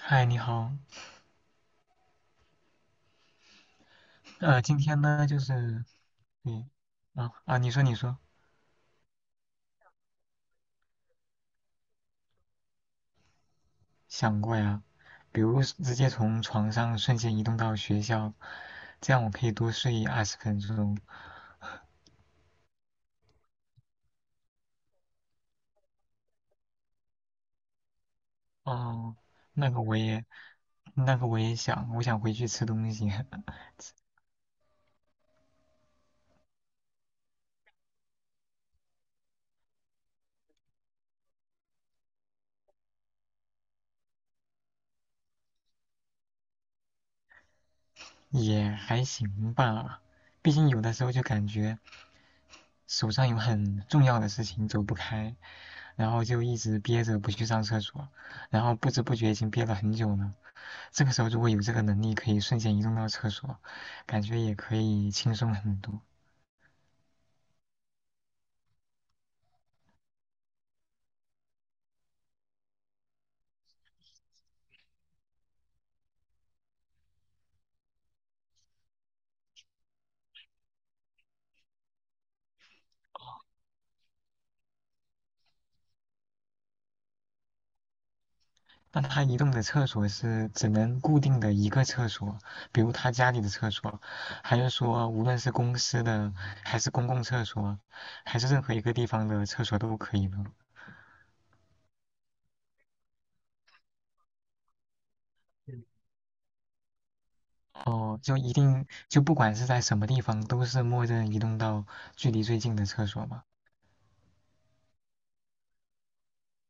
嗨，你好，今天呢，就是，对，你说，想过呀，比如是直接从床上瞬间移动到学校，这样我可以多睡20分钟。哦，那个我也，那个我也想，我想回去吃东西，也还行吧，毕竟有的时候就感觉手上有很重要的事情走不开，然后就一直憋着不去上厕所，然后不知不觉已经憋了很久了。这个时候如果有这个能力，可以瞬间移动到厕所，感觉也可以轻松很多。那他移动的厕所是只能固定的一个厕所，比如他家里的厕所，还是说无论是公司的，还是公共厕所，还是任何一个地方的厕所都可以的？哦，就一定就不管是在什么地方，都是默认移动到距离最近的厕所吗？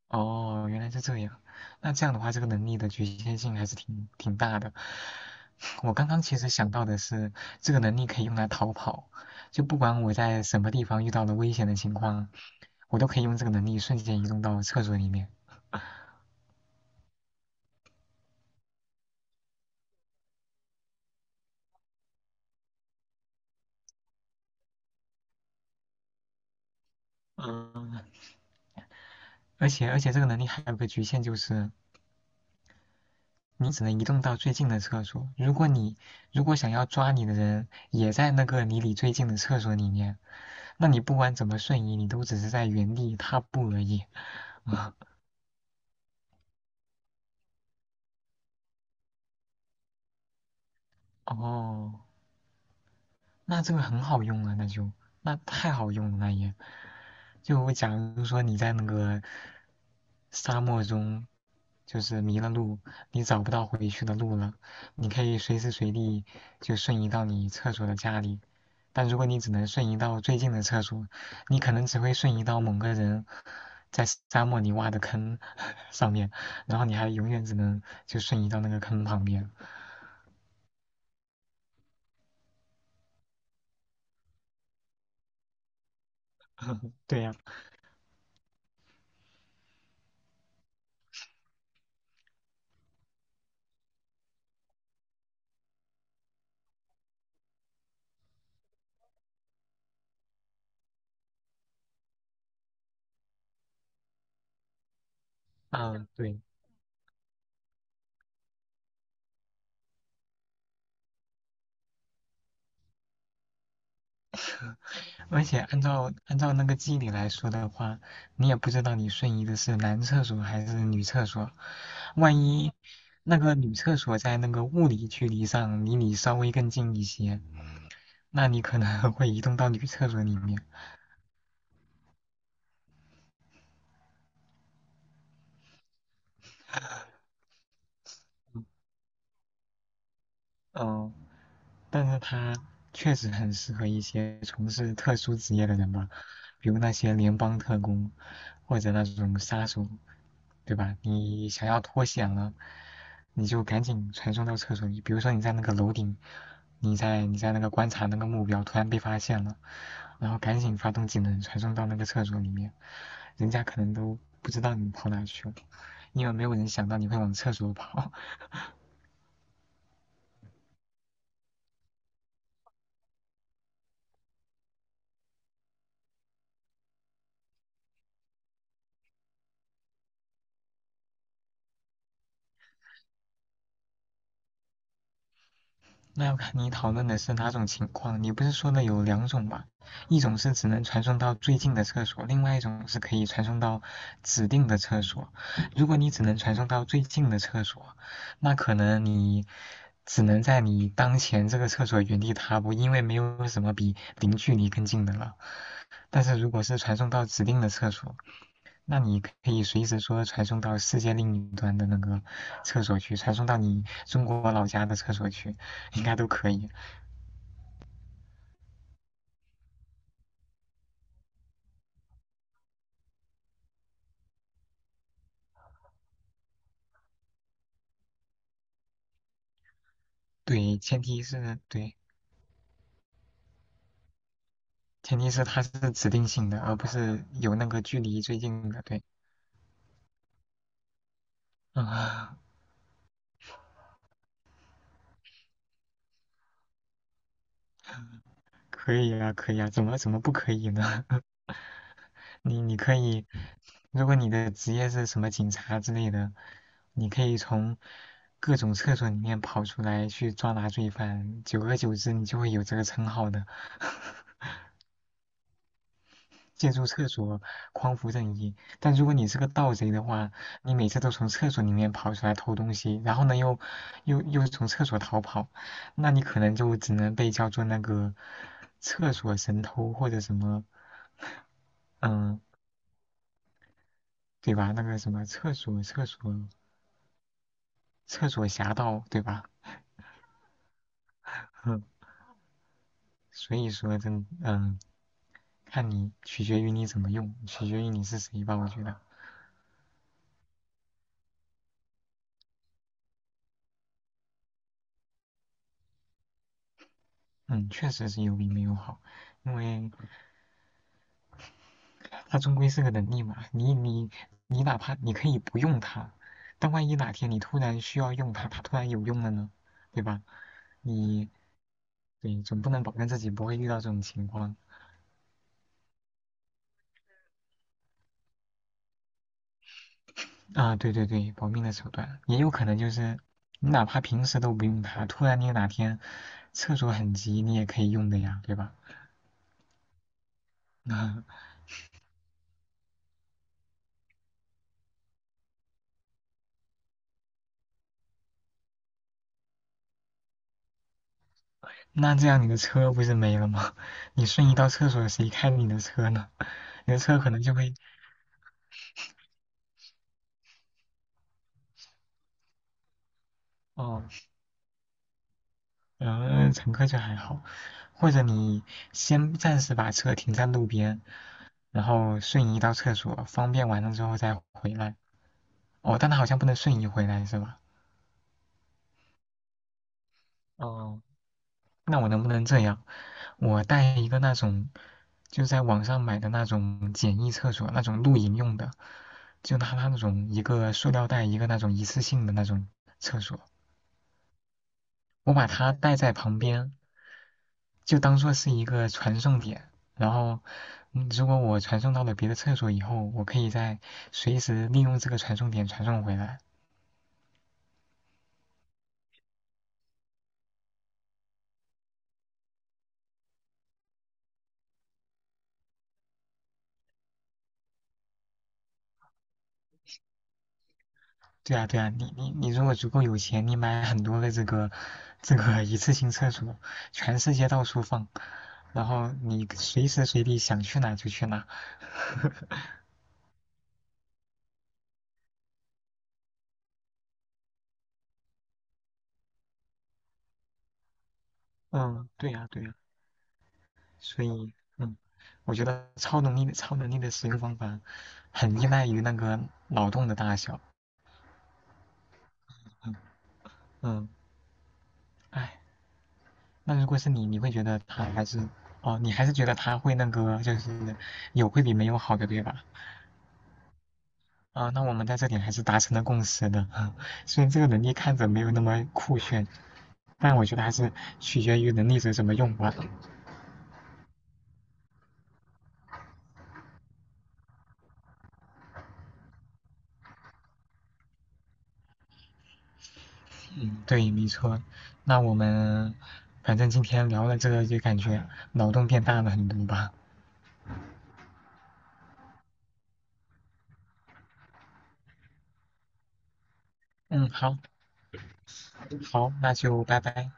哦，原来是这样。那这样的话，这个能力的局限性还是挺大的。我刚刚其实想到的是，这个能力可以用来逃跑，就不管我在什么地方遇到了危险的情况，我都可以用这个能力瞬间移动到厕所里面。而且这个能力还有个局限，就是你只能移动到最近的厕所。如果想要抓你的人也在那个离你最近的厕所里面，那你不管怎么瞬移，你都只是在原地踏步而已。哦。那这个很好用啊，那太好用了，就假如说你在那个沙漠中，就是迷了路，你找不到回去的路了，你可以随时随地就瞬移到你厕所的家里。但如果你只能瞬移到最近的厕所，你可能只会瞬移到某个人在沙漠里挖的坑 上面，然后你还永远只能就瞬移到那个坑旁边。对呀。啊嗯，对。而且按照那个机理来说的话，你也不知道你瞬移的是男厕所还是女厕所，万一那个女厕所在那个物理距离上离你稍微更近一些，那你可能 会移动到女厕所里面。嗯，但是它确实很适合一些从事特殊职业的人吧，比如那些联邦特工，或者那种杀手，对吧？你想要脱险了，你就赶紧传送到厕所里。比如说你在那个楼顶，你在那个观察那个目标，突然被发现了，然后赶紧发动技能传送到那个厕所里面，人家可能都不知道你跑哪去了，因为没有人想到你会往厕所跑。那要看你讨论的是哪种情况。你不是说的有两种吗？一种是只能传送到最近的厕所，另外一种是可以传送到指定的厕所。如果你只能传送到最近的厕所，那可能你只能在你当前这个厕所原地踏步，因为没有什么比零距离更近的了。但是如果是传送到指定的厕所，那你可以随时说传送到世界另一端的那个厕所去，传送到你中国老家的厕所去，应该都可以。对，前提是对，前提是它是指定性的，而不是有那个距离最近的。对，啊，可以啊，可以啊，怎么不可以呢？你可以，如果你的职业是什么警察之类的，你可以从各种厕所里面跑出来去抓拿罪犯，久而久之你就会有这个称号的。借助厕所匡扶正义。但如果你是个盗贼的话，你每次都从厕所里面跑出来偷东西，然后呢又从厕所逃跑，那你可能就只能被叫做那个厕所神偷或者什么，嗯，对吧？那个什么厕所侠盗，对吧？嗯，所以说真看你取决于你怎么用，取决于你是谁吧，我觉得。嗯，确实是有比没有好，因为它终归是个能力嘛。你哪怕你可以不用它，但万一哪天你突然需要用它，它突然有用了呢，对吧？你对总不能保证自己不会遇到这种情况啊。对对对，保命的手段也有可能就是你哪怕平时都不用它，突然你哪天厕所很急，你也可以用的呀，对吧？那那这样你的车不是没了吗？你瞬移到厕所，谁开你的车呢？你的车可能就会哦。乘客就还好。或者你先暂时把车停在路边，然后瞬移到厕所，方便完了之后再回来。哦，但它好像不能瞬移回来是吧？哦，那我能不能这样？我带一个那种，就在网上买的那种简易厕所，那种露营用的，就拿它那种一个塑料袋，一个那种一次性的那种厕所，我把它带在旁边，就当做是一个传送点。然后，如果我传送到了别的厕所以后，我可以再随时利用这个传送点传送回来。对啊，对啊，你如果足够有钱，你买很多的这个一次性厕所，全世界到处放，然后你随时随地想去哪就去哪。嗯，对呀，对呀，所以我觉得超能力的使用方法很依赖于那个脑洞的大小。嗯，唉。那如果是你，你会觉得他还是哦，你还是觉得他会那个，就是有会比没有好的，对吧？啊，那我们在这点还是达成了共识的。虽然这个能力看着没有那么酷炫，但我觉得还是取决于能力者怎么用吧。嗯，对，没错。那我们反正今天聊了这个，就感觉脑洞变大了很多吧。嗯，好，好，那就拜拜。